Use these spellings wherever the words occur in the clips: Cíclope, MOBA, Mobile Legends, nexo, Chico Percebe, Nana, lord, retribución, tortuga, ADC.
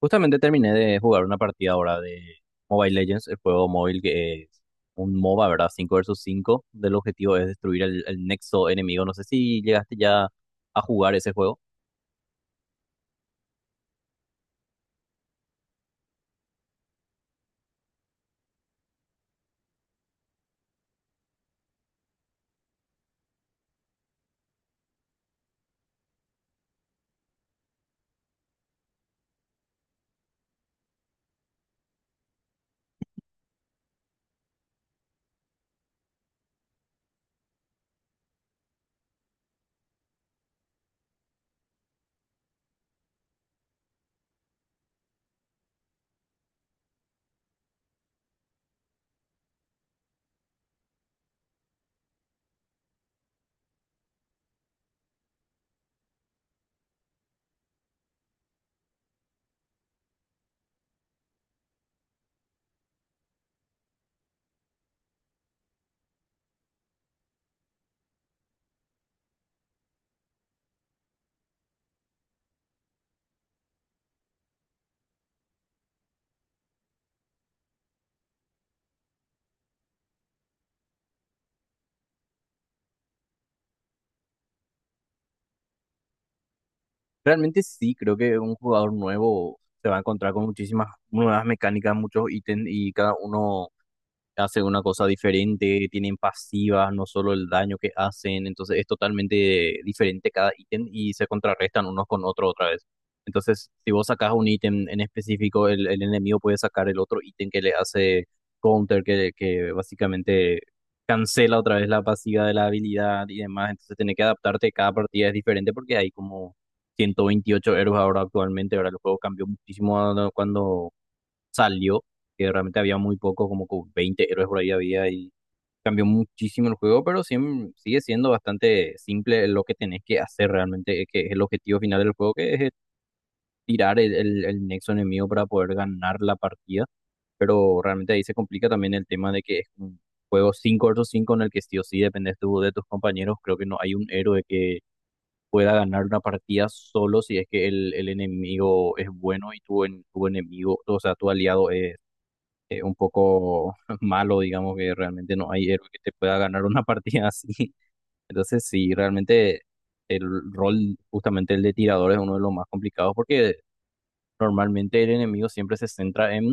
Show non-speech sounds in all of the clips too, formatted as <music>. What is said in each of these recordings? Justamente terminé de jugar una partida ahora de Mobile Legends, el juego móvil que es un MOBA, ¿verdad? Cinco versus cinco. Del objetivo es destruir el nexo enemigo. No sé si llegaste ya a jugar ese juego. Realmente sí, creo que un jugador nuevo se va a encontrar con muchísimas nuevas mecánicas, muchos ítems y cada uno hace una cosa diferente, tienen pasivas, no solo el daño que hacen, entonces es totalmente diferente cada ítem y se contrarrestan unos con otros otra vez. Entonces, si vos sacás un ítem en específico, el enemigo puede sacar el otro ítem que le hace counter, que básicamente cancela otra vez la pasiva de la habilidad y demás, entonces tenés que adaptarte, cada partida es diferente porque hay como 128 héroes ahora actualmente, ahora el juego cambió muchísimo cuando salió, que realmente había muy poco, como que 20 héroes por ahí había y cambió muchísimo el juego, pero sigue siendo bastante simple lo que tenés que hacer realmente, es que es el objetivo final del juego, que es tirar el nexo enemigo para poder ganar la partida, pero realmente ahí se complica también el tema de que es un juego 5 versus 5 en el que sí o sí dependes tú de tus compañeros, creo que no hay un héroe que pueda ganar una partida solo si es que el enemigo es bueno y tu, tu enemigo, o sea, tu aliado es un poco <laughs> malo, digamos que realmente no hay héroe que te pueda ganar una partida <laughs> así. Entonces, sí, realmente el rol, justamente el de tirador, es uno de los más complicados porque normalmente el enemigo siempre se centra en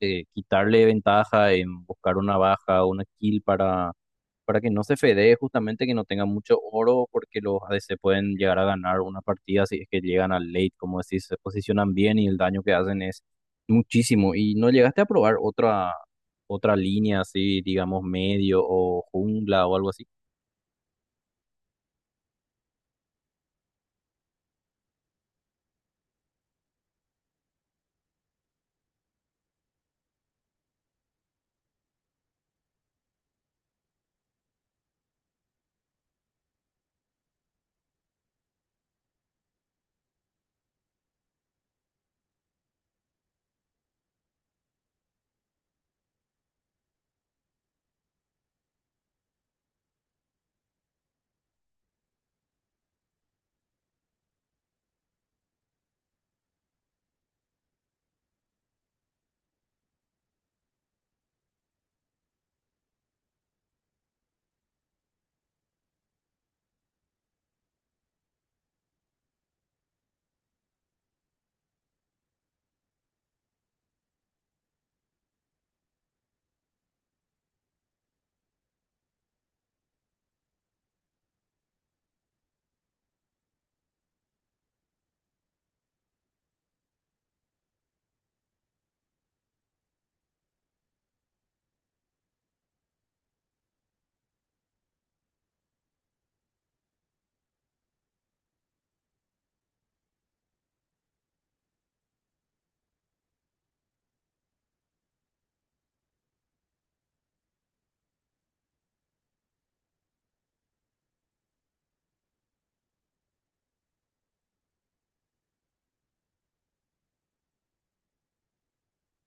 quitarle ventaja, en buscar una baja, una kill para que no se fedee justamente que no tenga mucho oro porque los a ADC pueden llegar a ganar una partida si es que llegan al late, como decís, se posicionan bien y el daño que hacen es muchísimo. ¿Y no llegaste a probar otra línea así, digamos, medio o jungla o algo así?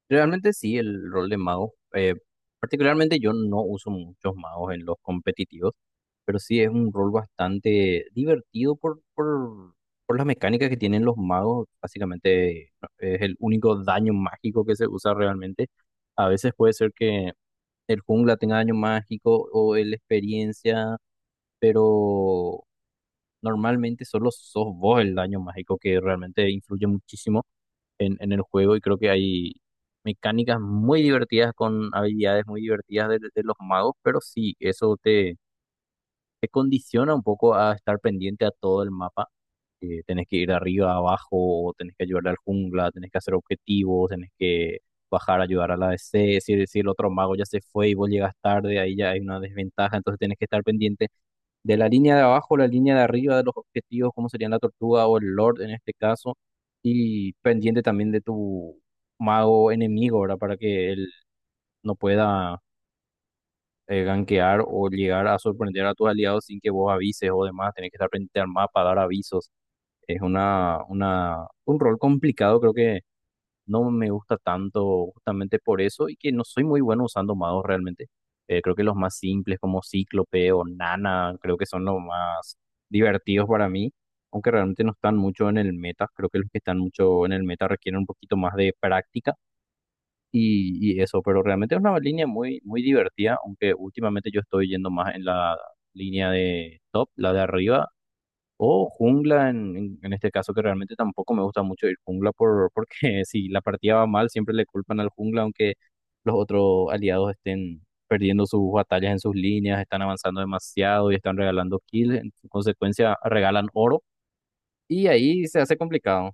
Realmente sí, el rol de mago. Particularmente yo no uso muchos magos en los competitivos, pero sí es un rol bastante divertido por las mecánicas que tienen los magos. Básicamente no, es el único daño mágico que se usa realmente. A veces puede ser que el jungla tenga daño mágico o el experiencia, pero normalmente solo sos vos el daño mágico que realmente influye muchísimo en el juego y creo que hay mecánicas muy divertidas con habilidades muy divertidas de los magos, pero sí, eso te, te condiciona un poco a estar pendiente a todo el mapa. Tenés que ir de arriba a abajo, tenés que ayudar al jungla, tenés que hacer objetivos, tenés que bajar a ayudar a la D C. Si el otro mago ya se fue y vos llegas tarde, ahí ya hay una desventaja, entonces tenés que estar pendiente de la línea de abajo, la línea de arriba, de los objetivos, como serían la tortuga o el lord en este caso, y pendiente también de tu mago enemigo, ¿verdad? Para que él no pueda gankear o llegar a sorprender a tus aliados sin que vos avises o demás, tenés que estar pendiente al mapa, dar avisos. Es un rol complicado, creo que no me gusta tanto justamente por eso y que no soy muy bueno usando magos realmente. Creo que los más simples como Cíclope o Nana, creo que son los más divertidos para mí, aunque realmente no están mucho en el meta, creo que los que están mucho en el meta requieren un poquito más de práctica y eso, pero realmente es una línea muy, muy divertida, aunque últimamente yo estoy yendo más en la línea de top, la de arriba, o jungla en este caso, que realmente tampoco me gusta mucho ir jungla porque <laughs> si la partida va mal, siempre le culpan al jungla, aunque los otros aliados estén perdiendo sus batallas en sus líneas, están avanzando demasiado y están regalando kills, en consecuencia regalan oro, y ahí se hace complicado.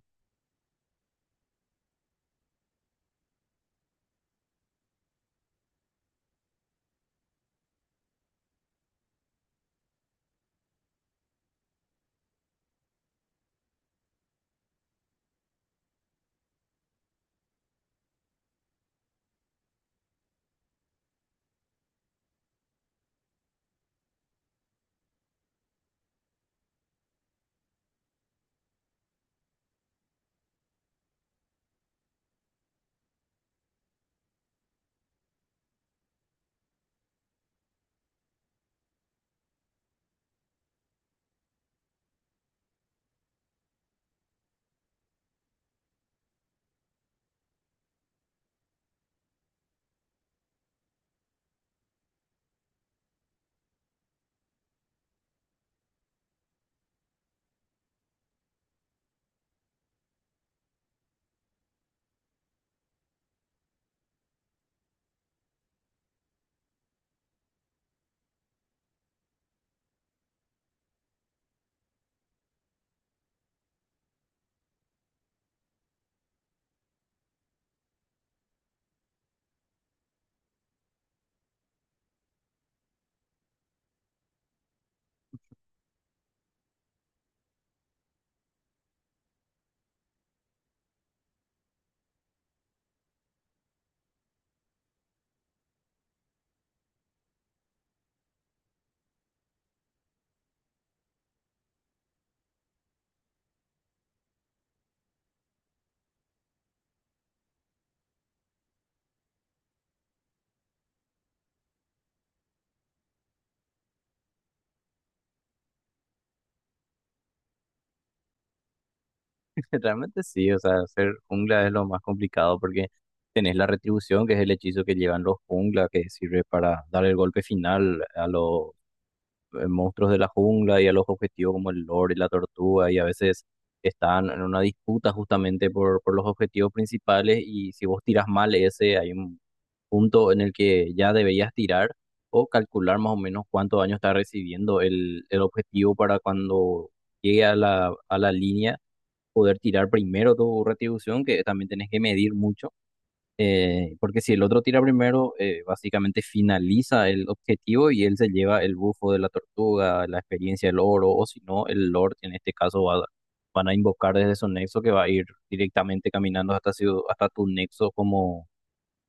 <laughs> Realmente sí, o sea, ser jungla es lo más complicado porque tenés la retribución, que es el hechizo que llevan los jungla, que sirve para dar el golpe final a los monstruos de la jungla y a los objetivos como el lord y la tortuga, y a veces están en una disputa justamente por los objetivos principales, y si vos tiras mal ese, hay un punto en el que ya deberías tirar o calcular más o menos cuánto daño está recibiendo el objetivo para cuando llegue a a la línea poder tirar primero tu retribución, que también tenés que medir mucho, porque si el otro tira primero, básicamente finaliza el objetivo y él se lleva el bufo de la tortuga, la experiencia del oro, o si no, el lord en este caso van a invocar desde su nexo que va a ir directamente caminando hasta, hasta tu nexo como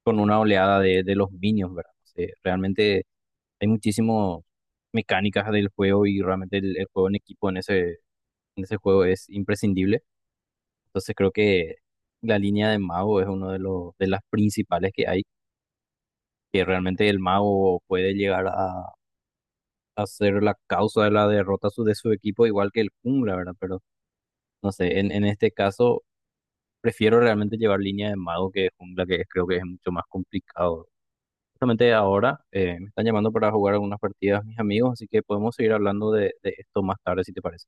con una oleada de los minions, ¿verdad? O sea, realmente hay muchísimas mecánicas del juego y realmente el juego en equipo en ese juego es imprescindible. Entonces creo que la línea de mago es uno de los de las principales que hay, que realmente el mago puede llegar a ser la causa de la derrota de su equipo, igual que el jungla, ¿verdad? Pero no sé, en este caso prefiero realmente llevar línea de mago que de jungla, que creo que es mucho más complicado. Justamente ahora me están llamando para jugar algunas partidas mis amigos, así que podemos seguir hablando de esto más tarde, si te parece.